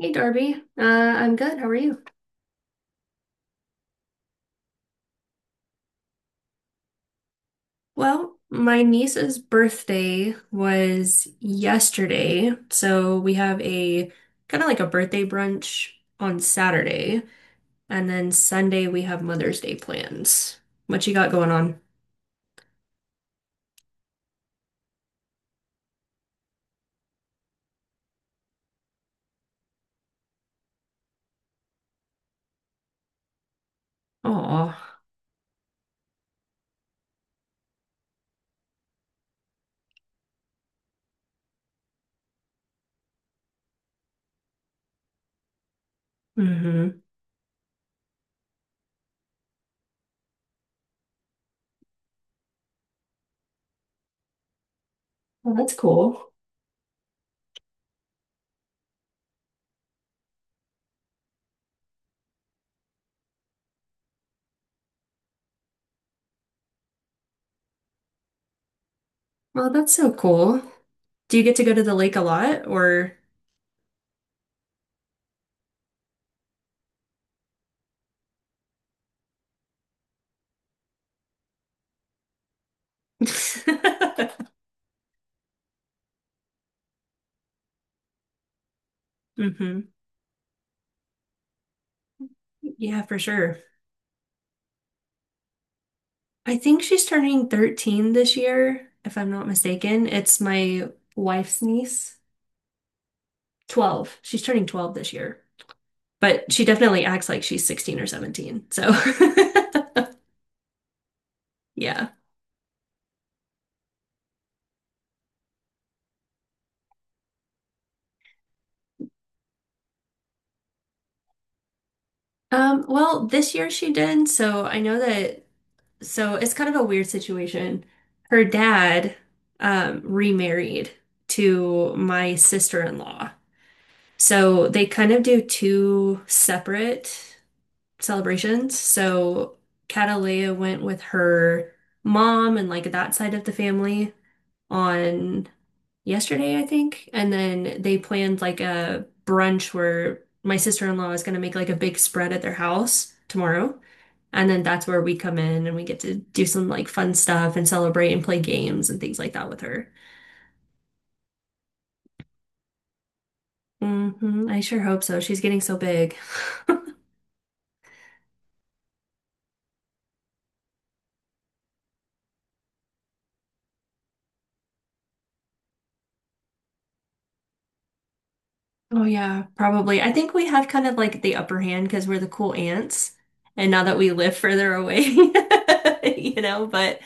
Hey Darby, I'm good. How are you? Well, my niece's birthday was yesterday, so we have a kind of like a birthday brunch on Saturday, and then Sunday we have Mother's Day plans. What you got going on? Oh, hmm. Well, that's cool. Well, that's so cool. Do you get to go to the lake a lot, or? Hmm. Yeah, for sure. I think she's turning 13 this year, if I'm not mistaken. It's my wife's niece. 12. She's turning 12 this year. But she definitely acts like she's 16 or 17. So, yeah. Well, this year she did. So I know that. So it's kind of a weird situation. Her dad remarried to my sister-in-law. So they kind of do two separate celebrations. So Catalina went with her mom and like that side of the family on yesterday, I think. And then they planned like a brunch where my sister-in-law is going to make like a big spread at their house tomorrow. And then that's where we come in and we get to do some like fun stuff and celebrate and play games and things like that with her. Hmm. I sure hope so. She's getting so big. Oh yeah, probably. I think we have kind of like the upper hand because we're the cool ants, and now that we live further away, you know. But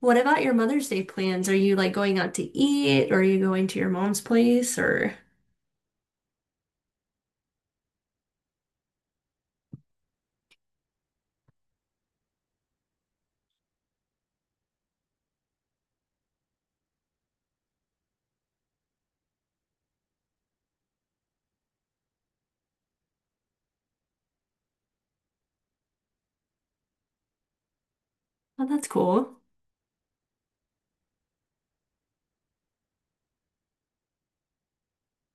what about your Mother's Day plans? Are you like going out to eat, or are you going to your mom's place, or? Oh, that's cool.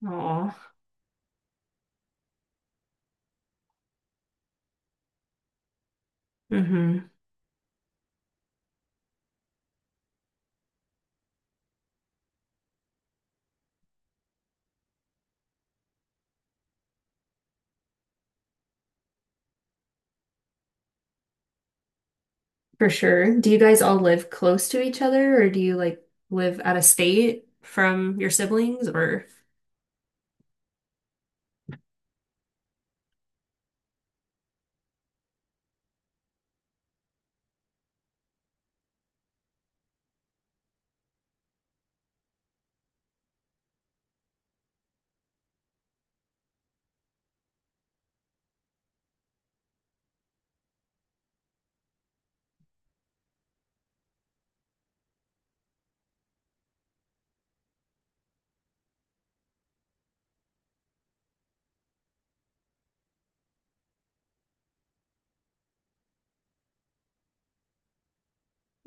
Oh, hmm. For sure. Do you guys all live close to each other, or do you like live out of state from your siblings, or?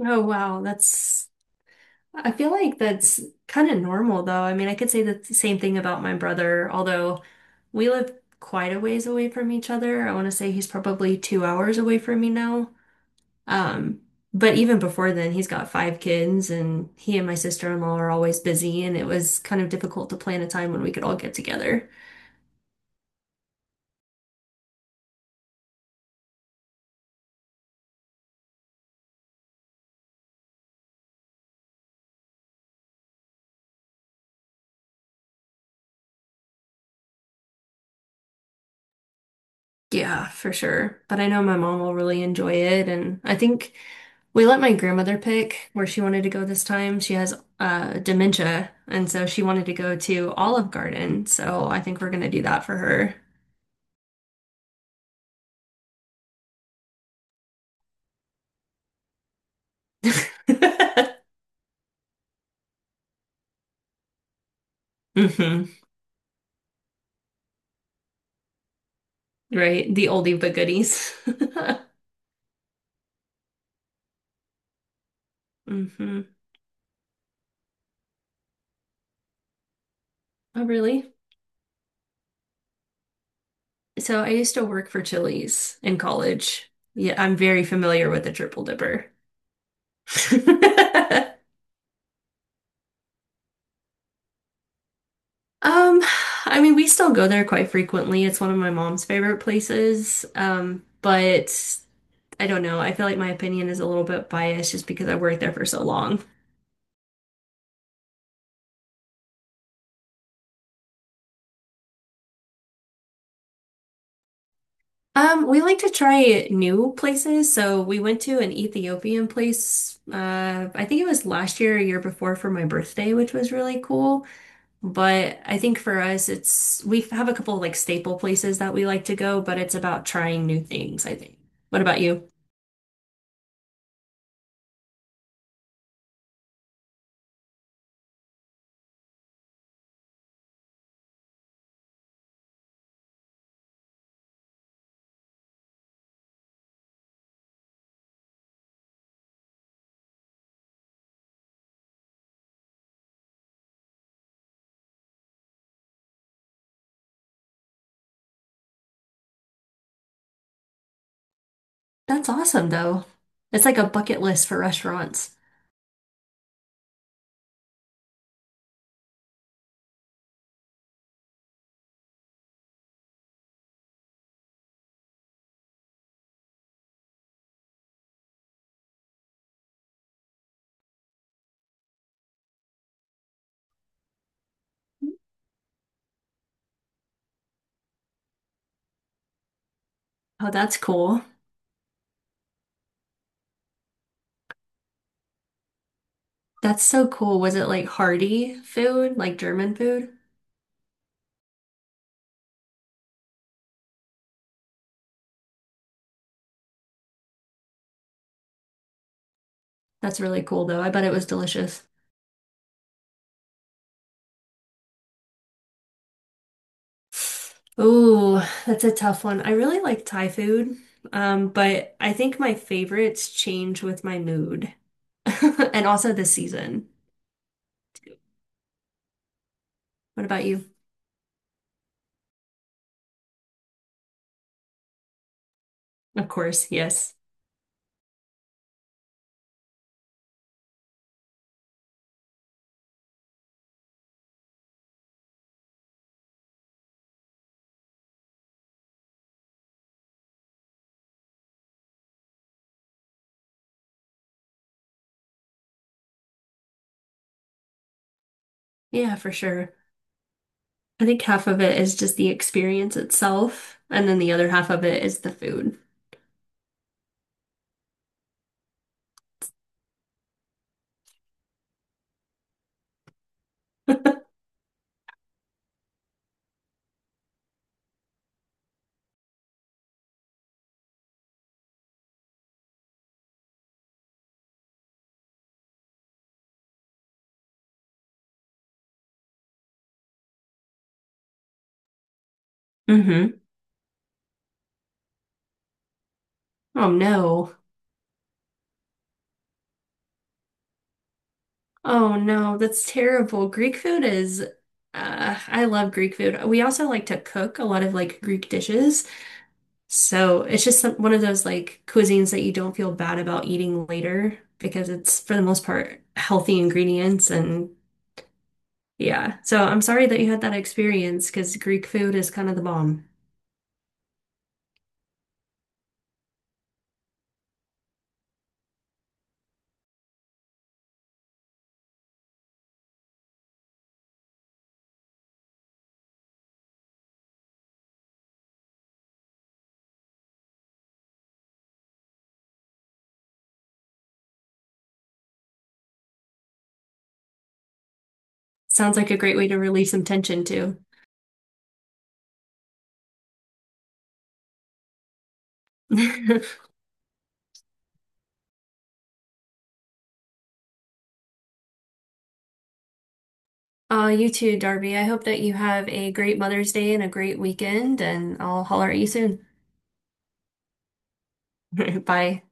Oh wow, that's I feel like that's kind of normal, though. I mean, I could say the same thing about my brother, although we live quite a ways away from each other. I want to say he's probably 2 hours away from me now. Um, but even before then, he's got five kids, and he and my sister-in-law are always busy, and it was kind of difficult to plan a time when we could all get together. Yeah, for sure. But I know my mom will really enjoy it. And I think we let my grandmother pick where she wanted to go this time. She has dementia, and so she wanted to go to Olive Garden. So I think we're going to do that for her. Hmm. Right? The oldie but goodies. Hmm. Oh, really? So I used to work for Chili's in college. Yeah, I'm very familiar with the triple dipper. Um, I mean, we still go there quite frequently. It's one of my mom's favorite places. But I don't know. I feel like my opinion is a little bit biased just because I worked there for so long. We like to try new places. So we went to an Ethiopian place. I think it was last year or year before for my birthday, which was really cool. But I think for us, it's we have a couple of like staple places that we like to go, but it's about trying new things, I think. What about you? That's awesome, though. It's like a bucket list for restaurants. Oh, that's cool. That's so cool. Was it like hearty food, like German food? That's really cool, though. I bet it was delicious. Ooh, that's a tough one. I really like Thai food, but I think my favorites change with my mood and also the season. What about you? Of course, yes. Yeah, for sure. I think half of it is just the experience itself, and then the other half of it is the food. Mm-hmm. Oh no. Oh no, that's terrible. Greek food is, I love Greek food. We also like to cook a lot of like Greek dishes. So it's just some, one of those like cuisines that you don't feel bad about eating later because it's for the most part healthy ingredients. And yeah, so I'm sorry that you had that experience because Greek food is kind of the bomb. Sounds like a great way to release some tension too. You too, Darby. I hope that you have a great Mother's Day and a great weekend, and I'll holler at you soon. Bye.